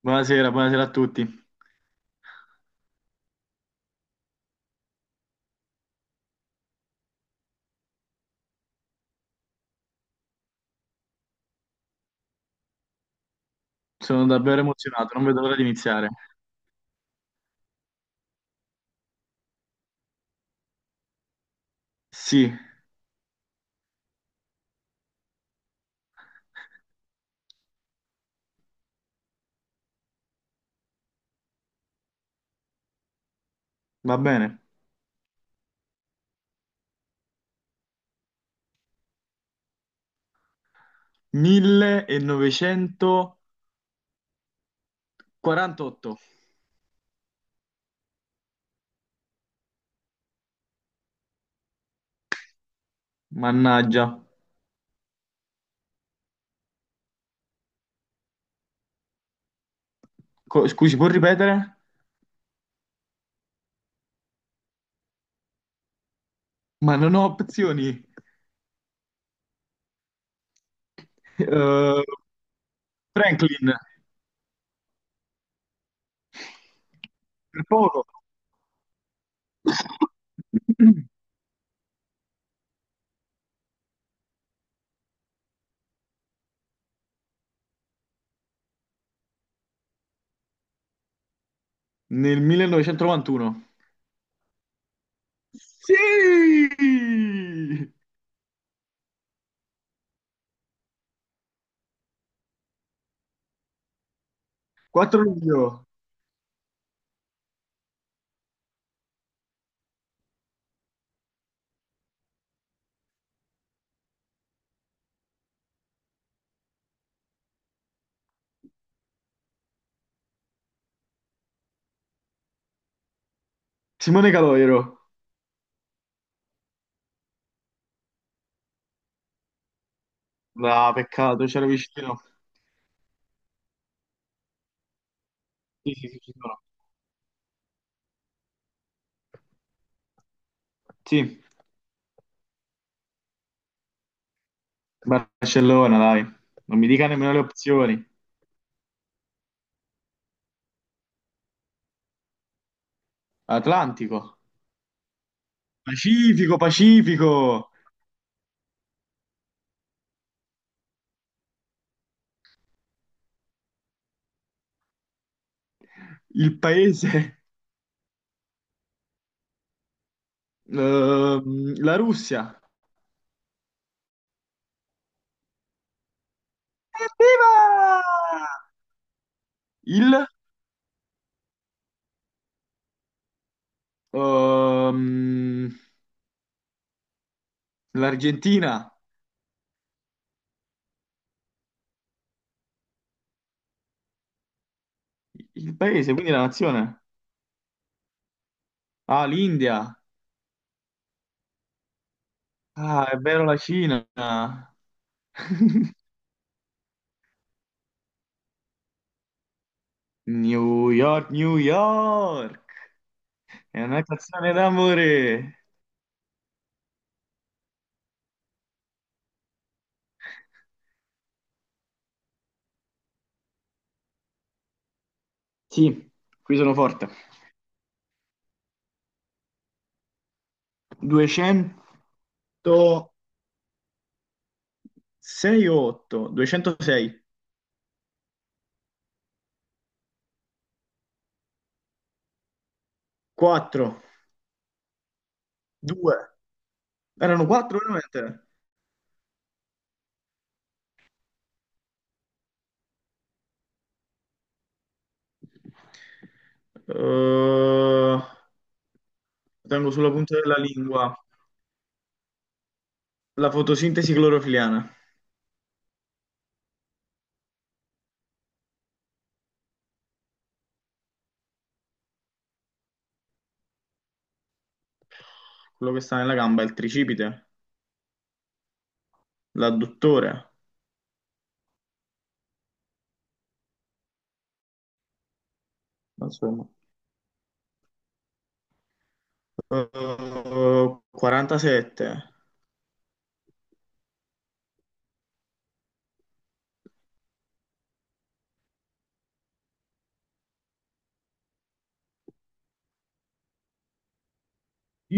Buonasera, buonasera a tutti. Sono davvero emozionato, non vedo l'ora di iniziare. Sì, va bene. 1948. Mannaggia. Scusi, può ripetere? Ma non ho opzioni. Eh, Franklin, per poco. Nel 1991. Sì! 4 luglio. Simone Caloiero. Ah, peccato, c'era vicino. Sì, sì, sì, ci sono. Sì. Barcellona, dai. Non mi dica nemmeno le opzioni. Atlantico, Pacifico, Pacifico, il paese, la Russia. Evviva! Il, ehm, L'Argentina, il paese, quindi la nazione. Ah, l'India. Ah, è vero la Cina. New York, New York. È una canzone d'amore. Sì, qui sono forte. 206 o 8? 206. 4. 2. Erano 4 veramente? Eh, Tengo sulla punta della lingua la fotosintesi clorofiliana, quello che sta nella gamba, è il tricipite, l'adduttore. Insomma. 47.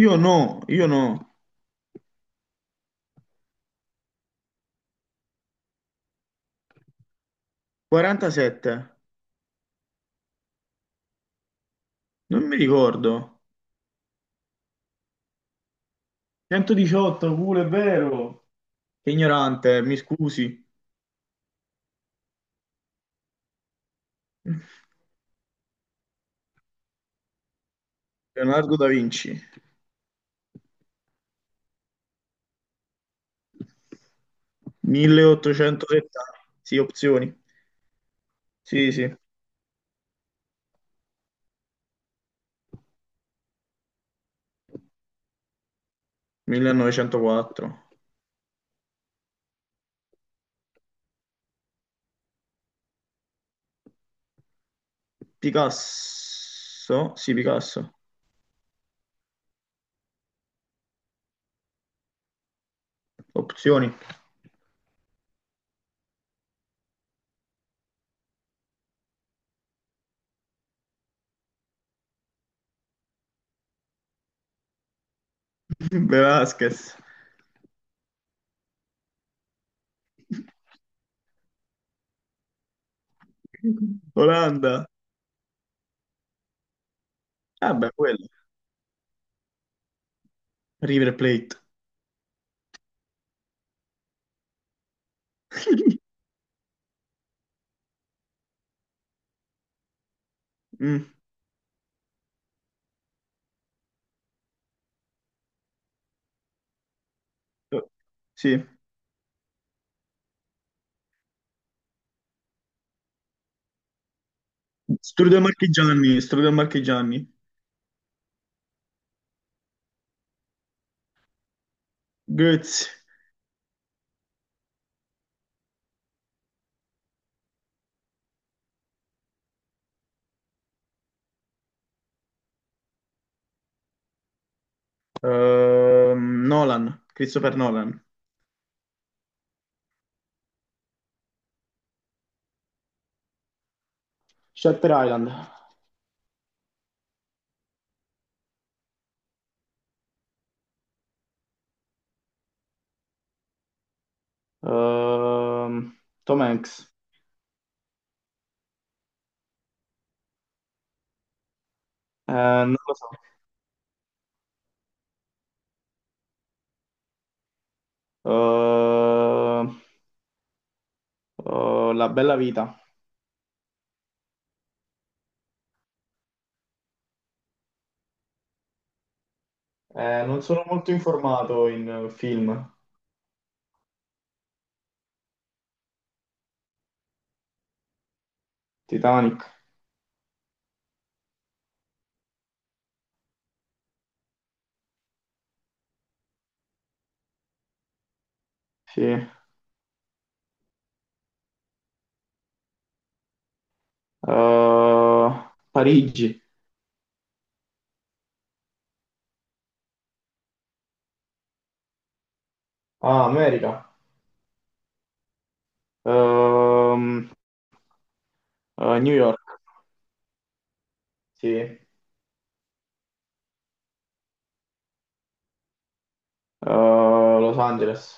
Io no, io no. 47. Non mi ricordo. 118, pure è vero. Che ignorante, mi scusi. Leonardo da Vinci, 1870. Sì, opzioni. Sì, sì, 1904. Picasso, sì, Picasso. Opzioni. Velázquez. Olanda. Ah, beh, quello. River Plate. Mm. Sì. Strudel Marchigiani, Strudel Marchigiani. Goetz. Nolan, Christopher Nolan. Shutter Island. Ehm, Tom Hanks. Non lo so. Ehm, La bella vita. Non sono molto informato in film. Titanic. Sì. Parigi. Ah, America. Ehm, New York. Sì. Los Angeles.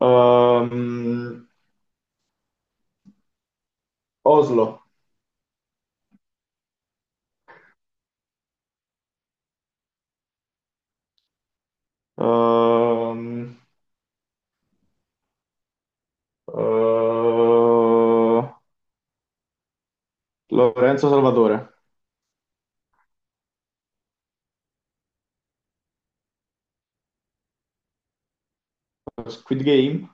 Ehm, Oslo. Ehm, eh, Lorenzo Salvatore. Squid Game.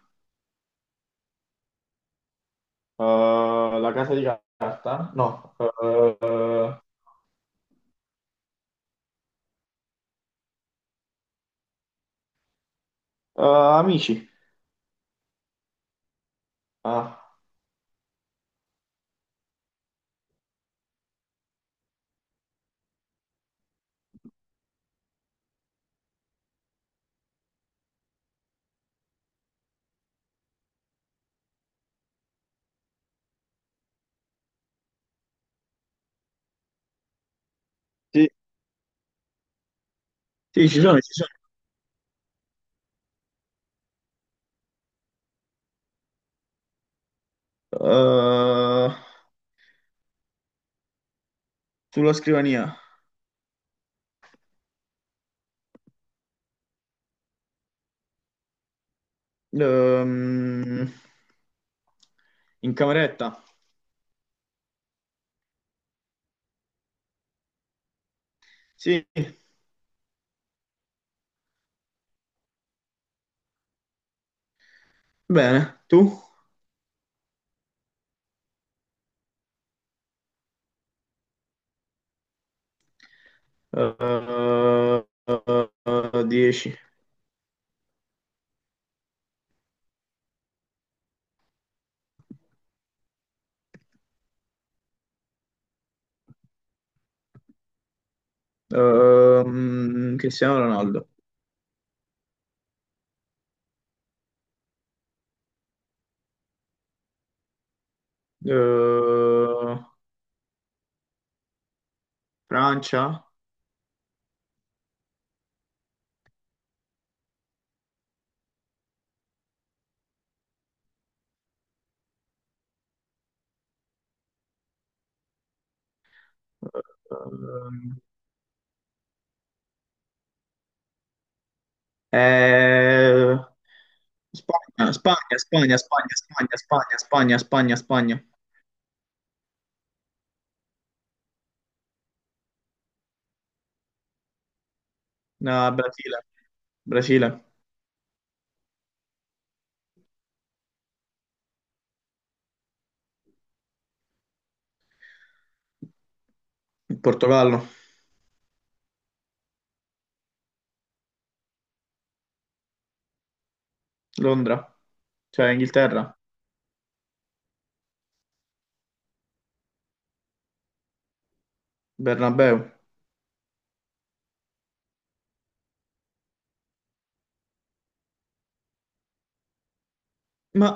La casa di carta? No. Eh, Amici. Ah. Sì, sì, ci sono, ci sono. Eh, Sulla scrivania. Ehm, In cameretta. Sì, bene. Tu? Eh, 10. Cristiano Ronaldo. Eh, Francia? Eh, Eh, Spagna, Spagna, Spagna, Spagna, Spagna, Spagna, Spagna, Spagna, Spagna. No, Brasile, Brasile, Portogallo, Londra, cioè Inghilterra, Bernabeu. Ma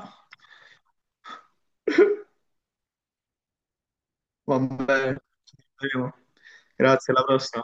vabbè, ci vedremo. Grazie, alla prossima.